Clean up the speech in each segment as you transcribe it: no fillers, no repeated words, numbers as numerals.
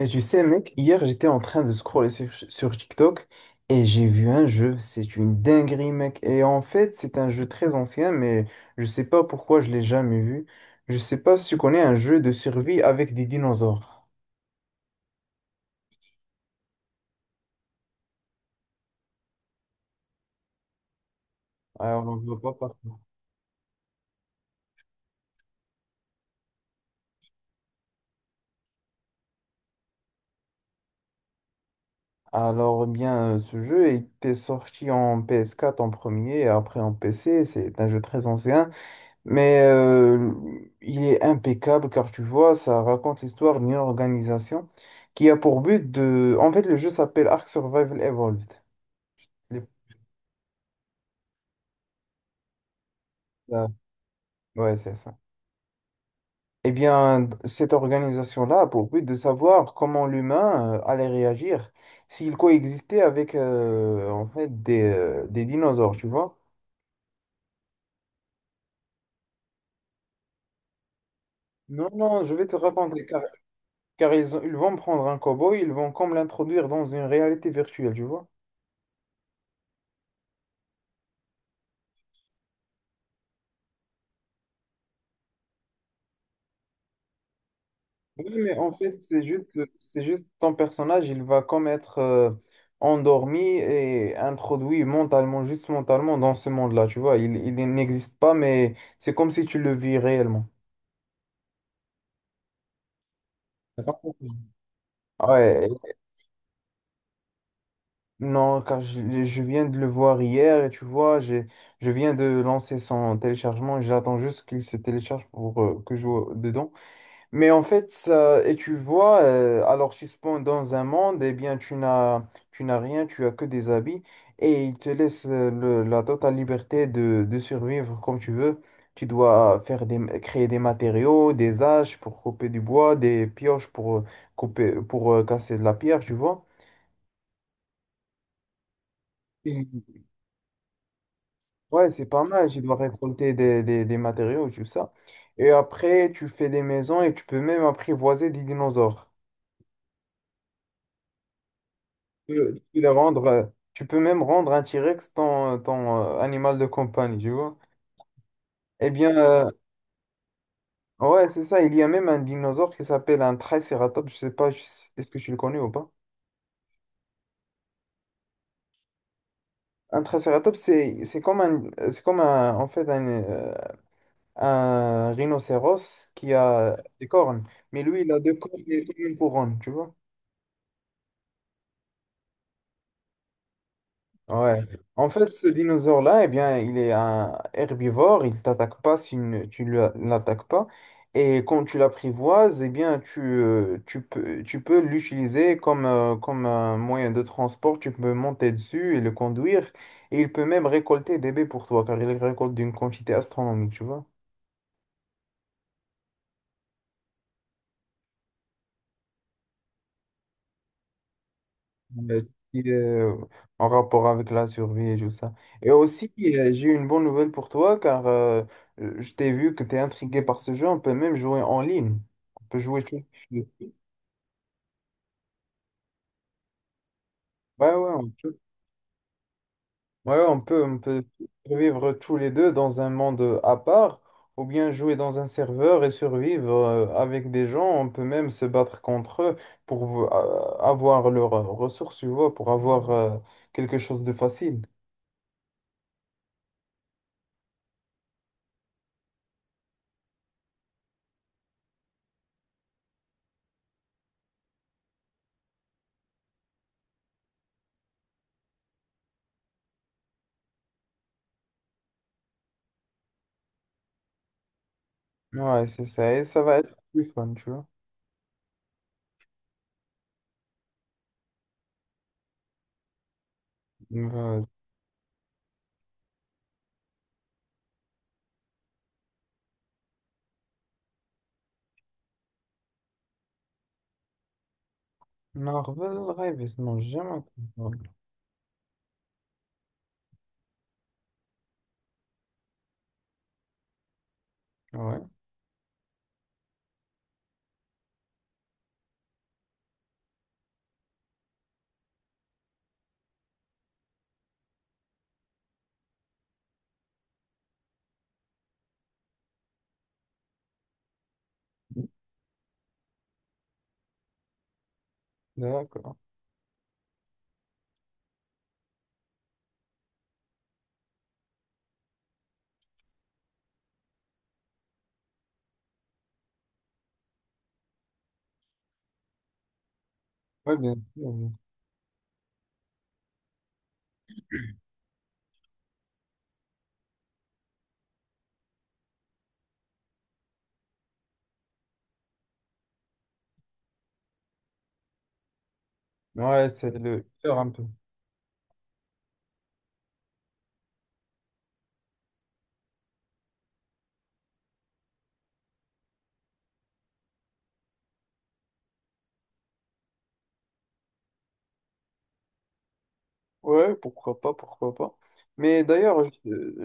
Et tu sais, mec, hier j'étais en train de scroller sur TikTok et j'ai vu un jeu. C'est une dinguerie, mec. Et en fait, c'est un jeu très ancien, mais je sais pas pourquoi je l'ai jamais vu. Je sais pas si tu connais un jeu de survie avec des dinosaures. Alors, on en voit pas partout. Alors, eh bien, ce jeu était sorti en PS4 en premier et après en PC. C'est un jeu très ancien. Mais euh, il est impeccable car tu vois, ça raconte l'histoire d'une organisation qui a pour but de... En fait, le jeu s'appelle Ark Survival Evolved. Les- la- Ouais, c'est ça. Eh bien, cette organisation-là a pour but de savoir comment l'humain allait réagir s'il coexistait avec des dinosaures, tu vois. Non, non, je vais te raconter car ils vont prendre un cow-boy, ils vont comme l'introduire dans une réalité virtuelle, tu vois. Oui, mais en fait, c'est juste ton personnage, il va comme être endormi et introduit mentalement, juste mentalement dans ce monde-là, tu vois. Il n'existe pas, mais c'est comme si tu le vis réellement. T'as pas compris. Ouais, non, car je viens de le voir hier et tu vois, je viens de lancer son téléchargement et j'attends juste qu'il se télécharge pour que je joue dedans. Mais en fait, ça, et tu vois, alors tu spawns dans un monde, eh bien tu n'as rien, tu as que des habits, et il te laisse la totale liberté de survivre comme tu veux. Tu dois créer des matériaux, des haches pour couper du bois, des pioches pour casser de la pierre, tu vois. Mhm. Ouais, c'est pas mal, tu dois récolter des matériaux, tout ça. Et après, tu fais des maisons et tu peux même apprivoiser des dinosaures. Peux tu peux le rendre, Tu peux même rendre un T-Rex ton animal de compagnie, tu vois. Eh bien, ouais, c'est ça. Il y a même un dinosaure qui s'appelle un Triceratops. Je sais pas, est-ce que tu le connais ou pas? Un Triceratops, c'est comme un, un rhinocéros qui a des cornes. Mais lui, il a deux cornes et comme une couronne, tu vois. Ouais. En fait, ce dinosaure-là, eh bien, il est un herbivore, il t'attaque pas si tu ne l'attaques pas. Et quand tu l'apprivoises, eh bien, tu peux l'utiliser comme un moyen de transport. Tu peux monter dessus et le conduire. Et il peut même récolter des baies pour toi, car il récolte d'une quantité astronomique, tu vois. euh, qui, euh, En rapport avec la survie et tout ça. Et aussi, j'ai une bonne nouvelle pour toi car je t'ai vu que tu es intrigué par ce jeu. On peut même jouer en ligne. On peut jouer tous les deux. Ouais, ouais, on peut, on peut vivre tous les deux dans un monde à part ou bien jouer dans un serveur et survivre avec des gens. On peut même se battre contre eux pour avoir leurs ressources, tu vois, pour avoir quelque chose de facile. Ouais, c'est ça. Et ça va être plus fun, tu vois. Euh, Marvel Rivals, non, j'ai jamais entendu parler. Ouais, d'accord. Ouais, bien sûr. Oui. Ouais, c'est le cœur un peu. Ouais, pourquoi pas, pourquoi pas. Mais d'ailleurs,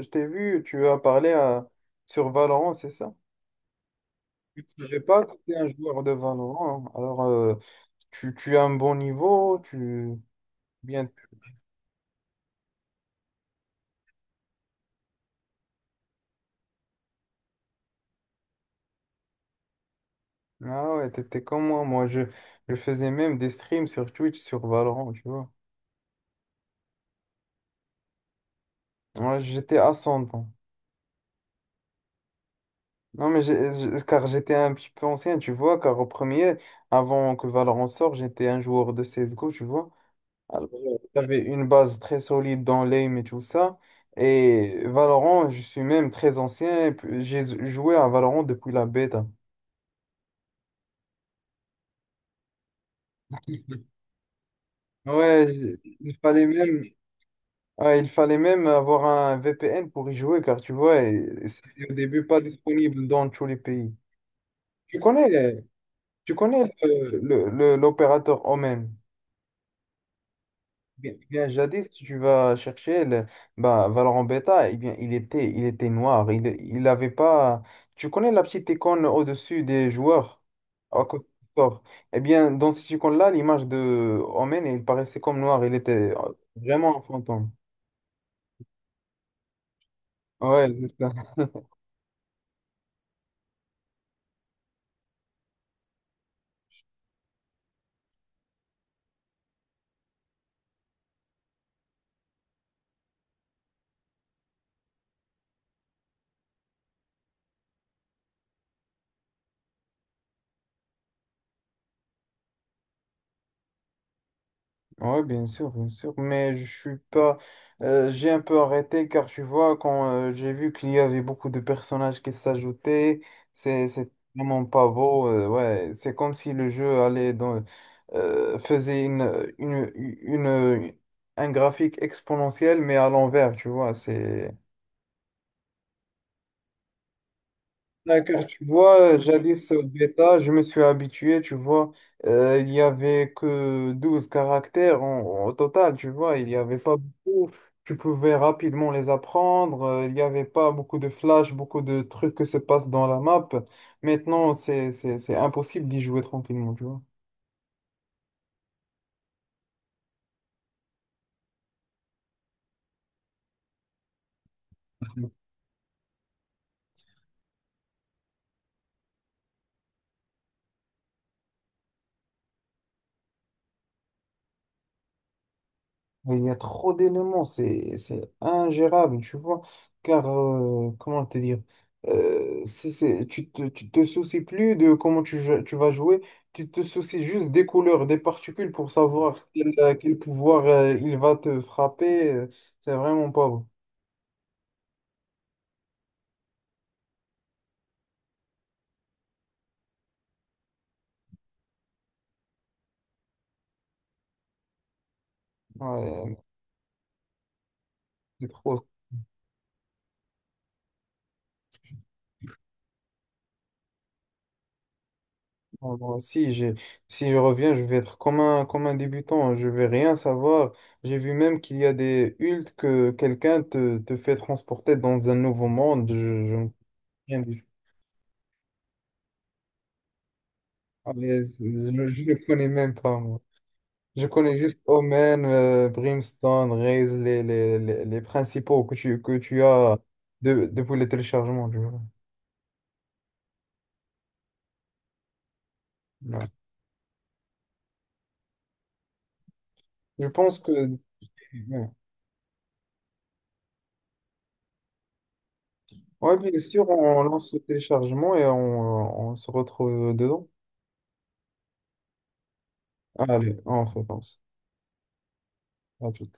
je t'ai vu, tu as parlé à- sur Valorant, c'est ça? Je sais pas été un joueur de Valorant, hein. Alors, tu as un bon niveau, tu... Bien... Ah ouais, t'étais comme moi. Je faisais même des streams sur Twitch sur Valorant, tu vois. Ouais, j'étais à 100 ans. Non, mais car j'étais un petit peu ancien, tu vois, car au premier, avant que Valorant sorte, j'étais un joueur de CSGO, tu vois. Alors, j'avais une base très solide dans l'aim et tout ça. Et Valorant, je suis même très ancien, et puis j'ai joué à Valorant depuis la bêta. Ouais, il il fallait même, ouais, il fallait même avoir un VPN pour y jouer, car tu vois, et c'était au début pas disponible dans tous les pays. Tu connais, Tu connais l'opérateur Omen? Bien, bien, jadis, si tu vas chercher Valorant Beta, eh bien, il était noir. Il avait pas. Tu connais la petite icône au-dessus des joueurs, à côté du corps. Eh bien, dans cette icône-là, l'image de Omen, il paraissait comme noir. Il était vraiment un fantôme. Ouais. Oui, bien sûr, mais je suis pas. J'ai un peu arrêté car tu vois, quand j'ai vu qu'il y avait beaucoup de personnages qui s'ajoutaient, c'est vraiment pas beau. Ouais, c'est comme si le jeu faisait un graphique exponentiel, mais à l'envers, tu vois. C'est ouais. Car tu vois, jadis au bêta, je me suis habitué, tu vois, il n'y avait que 12 caractères au total, tu vois, il n'y avait pas beaucoup, tu pouvais rapidement les apprendre, il n'y avait pas beaucoup de flash, beaucoup de trucs qui se passent dans la map. Maintenant, c'est impossible d'y jouer tranquillement, tu vois. Il y a trop d'éléments, c'est ingérable, tu vois. Car, comment te dire, tu tu te soucies plus de comment tu vas jouer, tu te soucies juste des couleurs, des particules pour savoir quel pouvoir il va te frapper. C'est vraiment pas bon. Ouais, c'est trop. Moi, moi, si j'ai, Si je reviens, je vais être comme un débutant, hein. Je vais rien savoir. J'ai vu même qu'il y a des hulks que quelqu'un te fait transporter dans un nouveau monde. Je Rien tout. Ah, mais je ne connais même pas, moi. Je connais juste Omen, Brimstone, Raze, les principaux que tu as de, depuis le téléchargement, tu vois. Ouais. Je pense que... Ouais, ouais, bien sûr, on lance le téléchargement et on se retrouve dedans. Allez, on recommence. À tout.